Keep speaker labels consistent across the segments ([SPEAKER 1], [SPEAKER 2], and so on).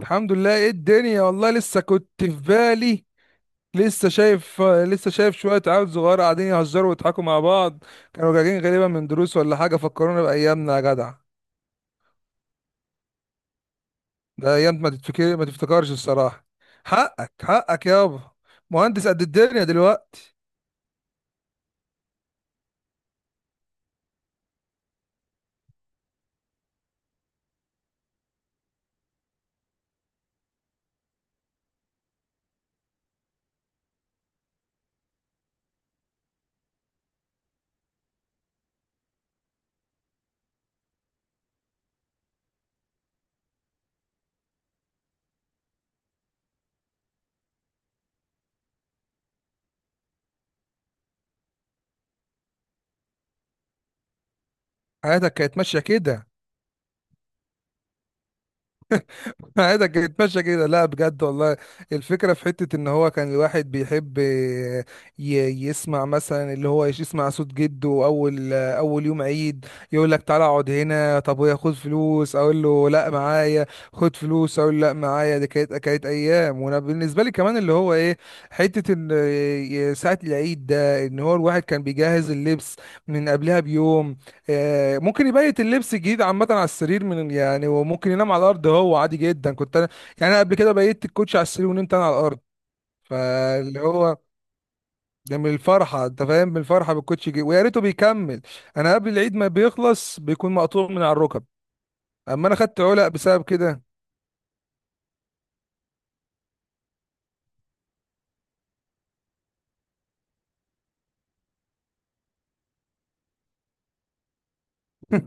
[SPEAKER 1] الحمد لله، ايه الدنيا، والله لسه كنت في بالي. لسه شايف شوية عيال صغار قاعدين يهزروا ويضحكوا مع بعض. كانوا راجعين غالبا من دروس ولا حاجة، فكرونا بأيامنا يا جدع. ده أيام ما تتفكر، ما تفتكرش الصراحة. حقك حقك يابا، مهندس قد الدنيا دلوقتي. حياتك كانت ماشية كده. عادك يتمشى كده، لا بجد والله. الفكرة في حتة ان هو كان الواحد بيحب يسمع مثلا، اللي هو يسمع صوت جده اول اول يوم عيد. يقول لك تعالى اقعد هنا، طب ويا خد فلوس، اقول له لا معايا. خد فلوس اقول له لا معايا. دي كانت ايام. وانا بالنسبة لي كمان اللي هو ايه، حتة ان ساعة العيد ده ان هو الواحد كان بيجهز اللبس من قبلها بيوم. ممكن يبيت اللبس الجديد عامة على السرير من يعني، وممكن ينام على الأرض هو، عادي جدا. كنت أنا يعني أنا قبل كده بيت الكوتش على السرير ونمت أنا على الأرض. فاللي هو ده من الفرحة، أنت فاهم، من الفرحة بالكوتش، جي ويا ريته بيكمل. أنا قبل العيد ما بيخلص بيكون مقطوع من على الركب. أما أنا خدت علق بسبب كده.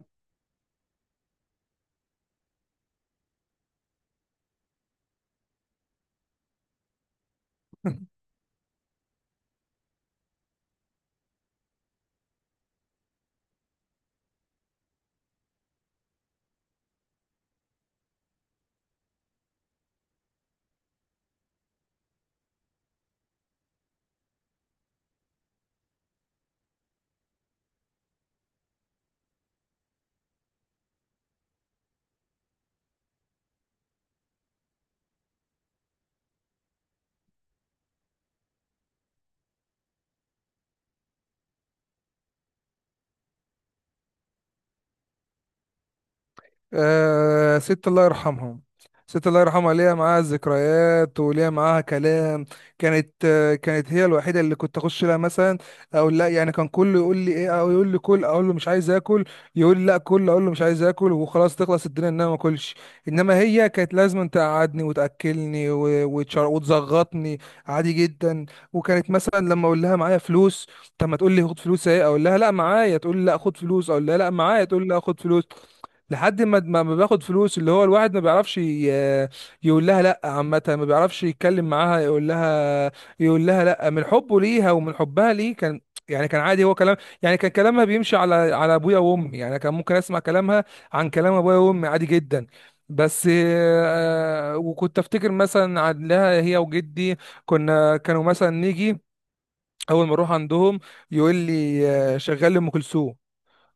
[SPEAKER 1] آه ست الله يرحمها، ست الله يرحمها ليها معاها ذكريات وليها معاها كلام. كانت هي الوحيده اللي كنت اخش لها مثلا اقول لا. يعني كان كله يقول لي ايه، او يقول لي كل، اقول له مش عايز اكل. يقول لي لا كل، اقول له مش عايز اكل وخلاص، تخلص الدنيا ان انا ما اكلش. انما هي كانت لازم تقعدني وتاكلني وتزغطني. عادي جدا. وكانت مثلا لما اقول لها معايا فلوس، طب ما تقول لي خد فلوس اهي، اقول لها لا معايا، تقول لي لا خد فلوس، اقول لها لا معايا، تقول لي لا خد فلوس. لحد ما باخد فلوس. اللي هو الواحد ما بيعرفش يقول لها لا عامة، ما بيعرفش يتكلم معاها، يقول لها، يقول لها لا من حبه ليها ومن حبها ليه كان. يعني كان عادي هو كلام. يعني كان كلامها بيمشي على ابويا وامي، يعني كان ممكن اسمع كلامها عن كلام ابويا وامي عادي جدا. بس وكنت افتكر مثلا عن لها هي وجدي. كنا كانوا مثلا نيجي، اول ما اروح عندهم يقول لي شغال ام كلثوم.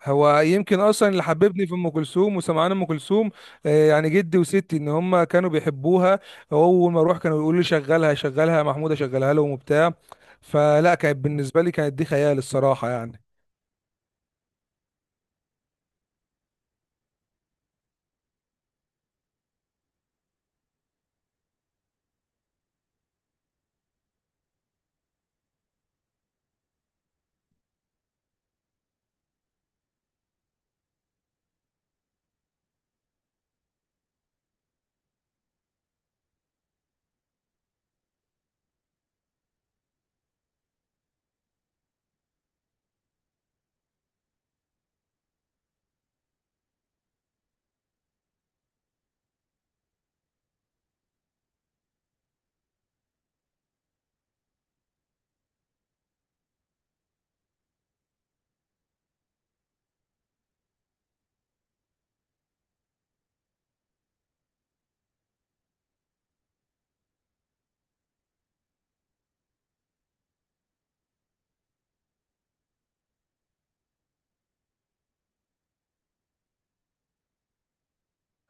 [SPEAKER 1] هو يمكن اصلا اللي حببني في ام كلثوم وسمعان ام كلثوم. يعني جدي وستي ان هم كانوا بيحبوها. اول ما اروح كانوا يقولوا لي شغلها شغلها يا محمود، اشغلها لهم وبتاع. فلا كانت بالنسبه لي، كانت دي خيال الصراحه يعني.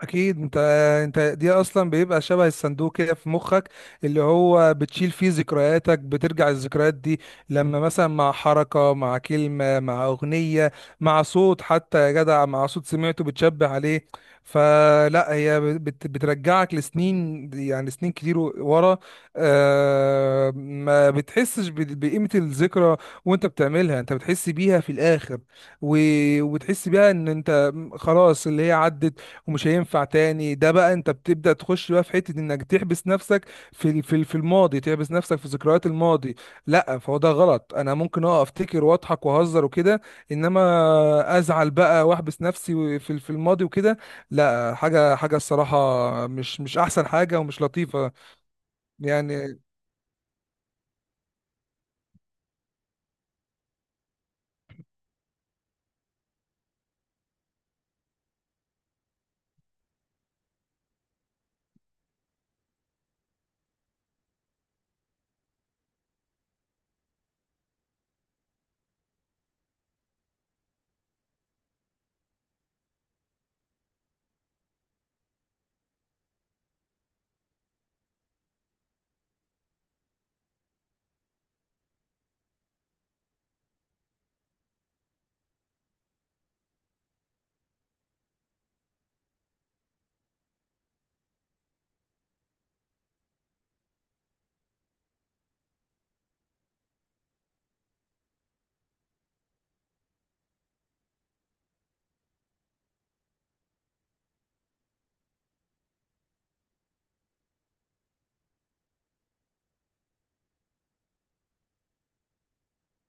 [SPEAKER 1] اكيد انت دي اصلا بيبقى شبه الصندوق كده في مخك اللي هو بتشيل فيه ذكرياتك. بترجع الذكريات دي لما مثلا مع حركة، مع كلمة، مع اغنية، مع صوت حتى يا جدع، مع صوت سمعته بتشبه عليه. فلا هي بترجعك لسنين، يعني سنين كتير ورا. آه ما بتحسش بقيمة الذكرى، وانت بتعملها انت بتحس بيها في الاخر. وبتحس بيها ان انت خلاص اللي هي عدت ومش هينفع تاني. ده بقى انت بتبدأ تخش بقى في حتة انك تحبس نفسك في الماضي، تحبس نفسك في ذكريات الماضي. لا فهو ده غلط. انا ممكن افتكر واضحك واهزر وكده، انما ازعل بقى واحبس نفسي في الماضي وكده، لا. حاجة الصراحة مش احسن حاجة ومش لطيفة. يعني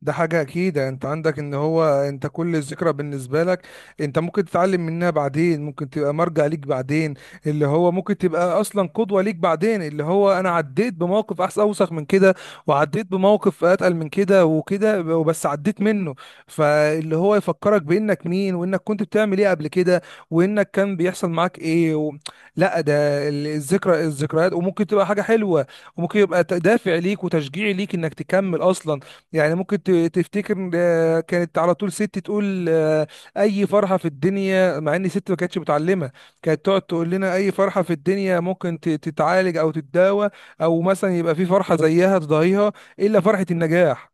[SPEAKER 1] ده حاجة أكيد أنت عندك، إن هو أنت كل ذكرى بالنسبة لك أنت ممكن تتعلم منها بعدين، ممكن تبقى مرجع ليك بعدين، اللي هو ممكن تبقى أصلا قدوة ليك بعدين. اللي هو أنا عديت بموقف أحسن، أوسخ من كده، وعديت بموقف أتقل من كده وكده، وبس عديت منه. فاللي هو يفكرك بإنك مين، وإنك كنت بتعمل إيه قبل كده، وإنك كان بيحصل معاك إيه و... لا، ده الذكريات وممكن تبقى حاجة حلوة، وممكن يبقى دافع ليك وتشجيع ليك إنك تكمل أصلا. يعني ممكن تفتكر. كانت على طول ست تقول اي فرحه في الدنيا، مع ان ست ما كانتش متعلمه، كانت تقعد تقول لنا اي فرحه في الدنيا ممكن تتعالج او تتداوى، او مثلا يبقى في فرحه زيها تضاهيها، الا فرحه النجاح.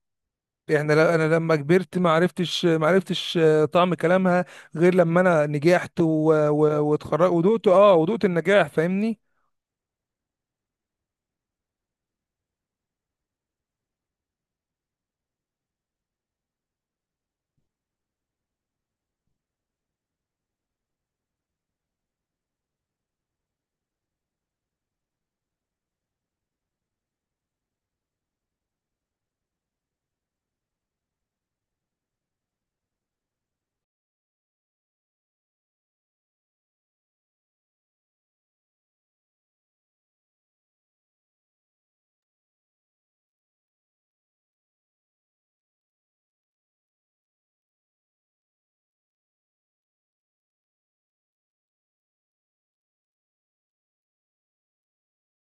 [SPEAKER 1] احنا انا لما كبرت ما عرفتش، طعم كلامها غير لما انا نجحت واتخرجت ودقت النجاح، فاهمني.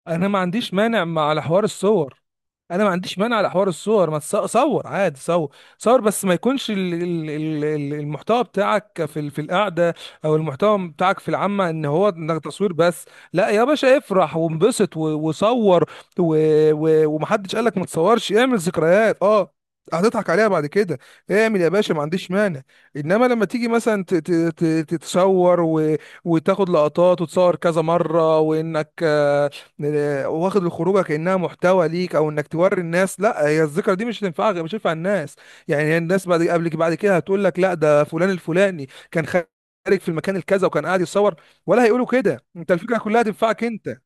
[SPEAKER 1] انا ما عنديش مانع على حوار الصور. انا ما عنديش مانع على حوار الصور. ما تص- صور عادي، صور صور بس ما يكونش المحتوى بتاعك في القعده، او المحتوى بتاعك في العامه ان هو انك تصوير بس. لا يا باشا افرح وانبسط وصور. ومحدش قالك ما تصورش، اعمل ذكريات، اه هتضحك عليها بعد كده. اعمل يا باشا، ما عنديش مانع. انما لما تيجي مثلا ت- تتصور وتاخد لقطات وتصور كذا مره، وانك واخد الخروجه كانها محتوى ليك، او انك توري الناس، لا هي الذكرى دي مش هتنفعك، مش هتنفع الناس. يعني هي الناس بعد كده هتقول لك لا ده فلان الفلاني كان خارج في المكان الكذا وكان قاعد يتصور. ولا هيقولوا كده، انت الفكره كلها تنفعك انت.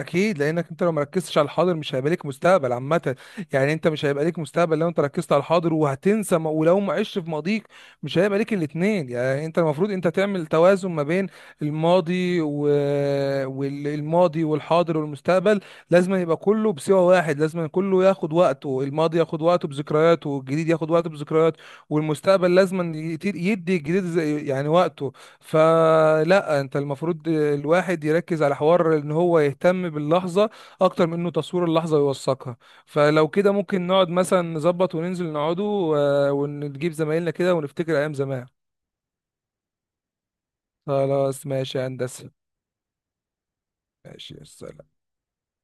[SPEAKER 1] اكيد، لانك انت لو مركزتش على الحاضر مش هيبقى ليك مستقبل عامه. يعني انت مش هيبقى ليك مستقبل لو انت ركزت على الحاضر وهتنسى ولو ما عشت في ماضيك مش هيبقى ليك الاتنين. يعني انت المفروض انت تعمل توازن ما بين الماضي و... والماضي والحاضر والمستقبل، لازم يبقى كله بسوى واحد. لازم كله ياخد وقته، الماضي ياخد وقته بذكرياته، والجديد ياخد وقته بذكرياته، والمستقبل لازم يدي الجديد يعني وقته. فلا انت المفروض الواحد يركز على حوار ان هو يهتم باللحظه اكتر من انه تصوير اللحظه ويوثقها. فلو كده ممكن نقعد مثلا نظبط وننزل نقعدوا، ونجيب زمايلنا كده ونفتكر ايام زمان. خلاص ماشي يا هندسه، ماشي يا سلام.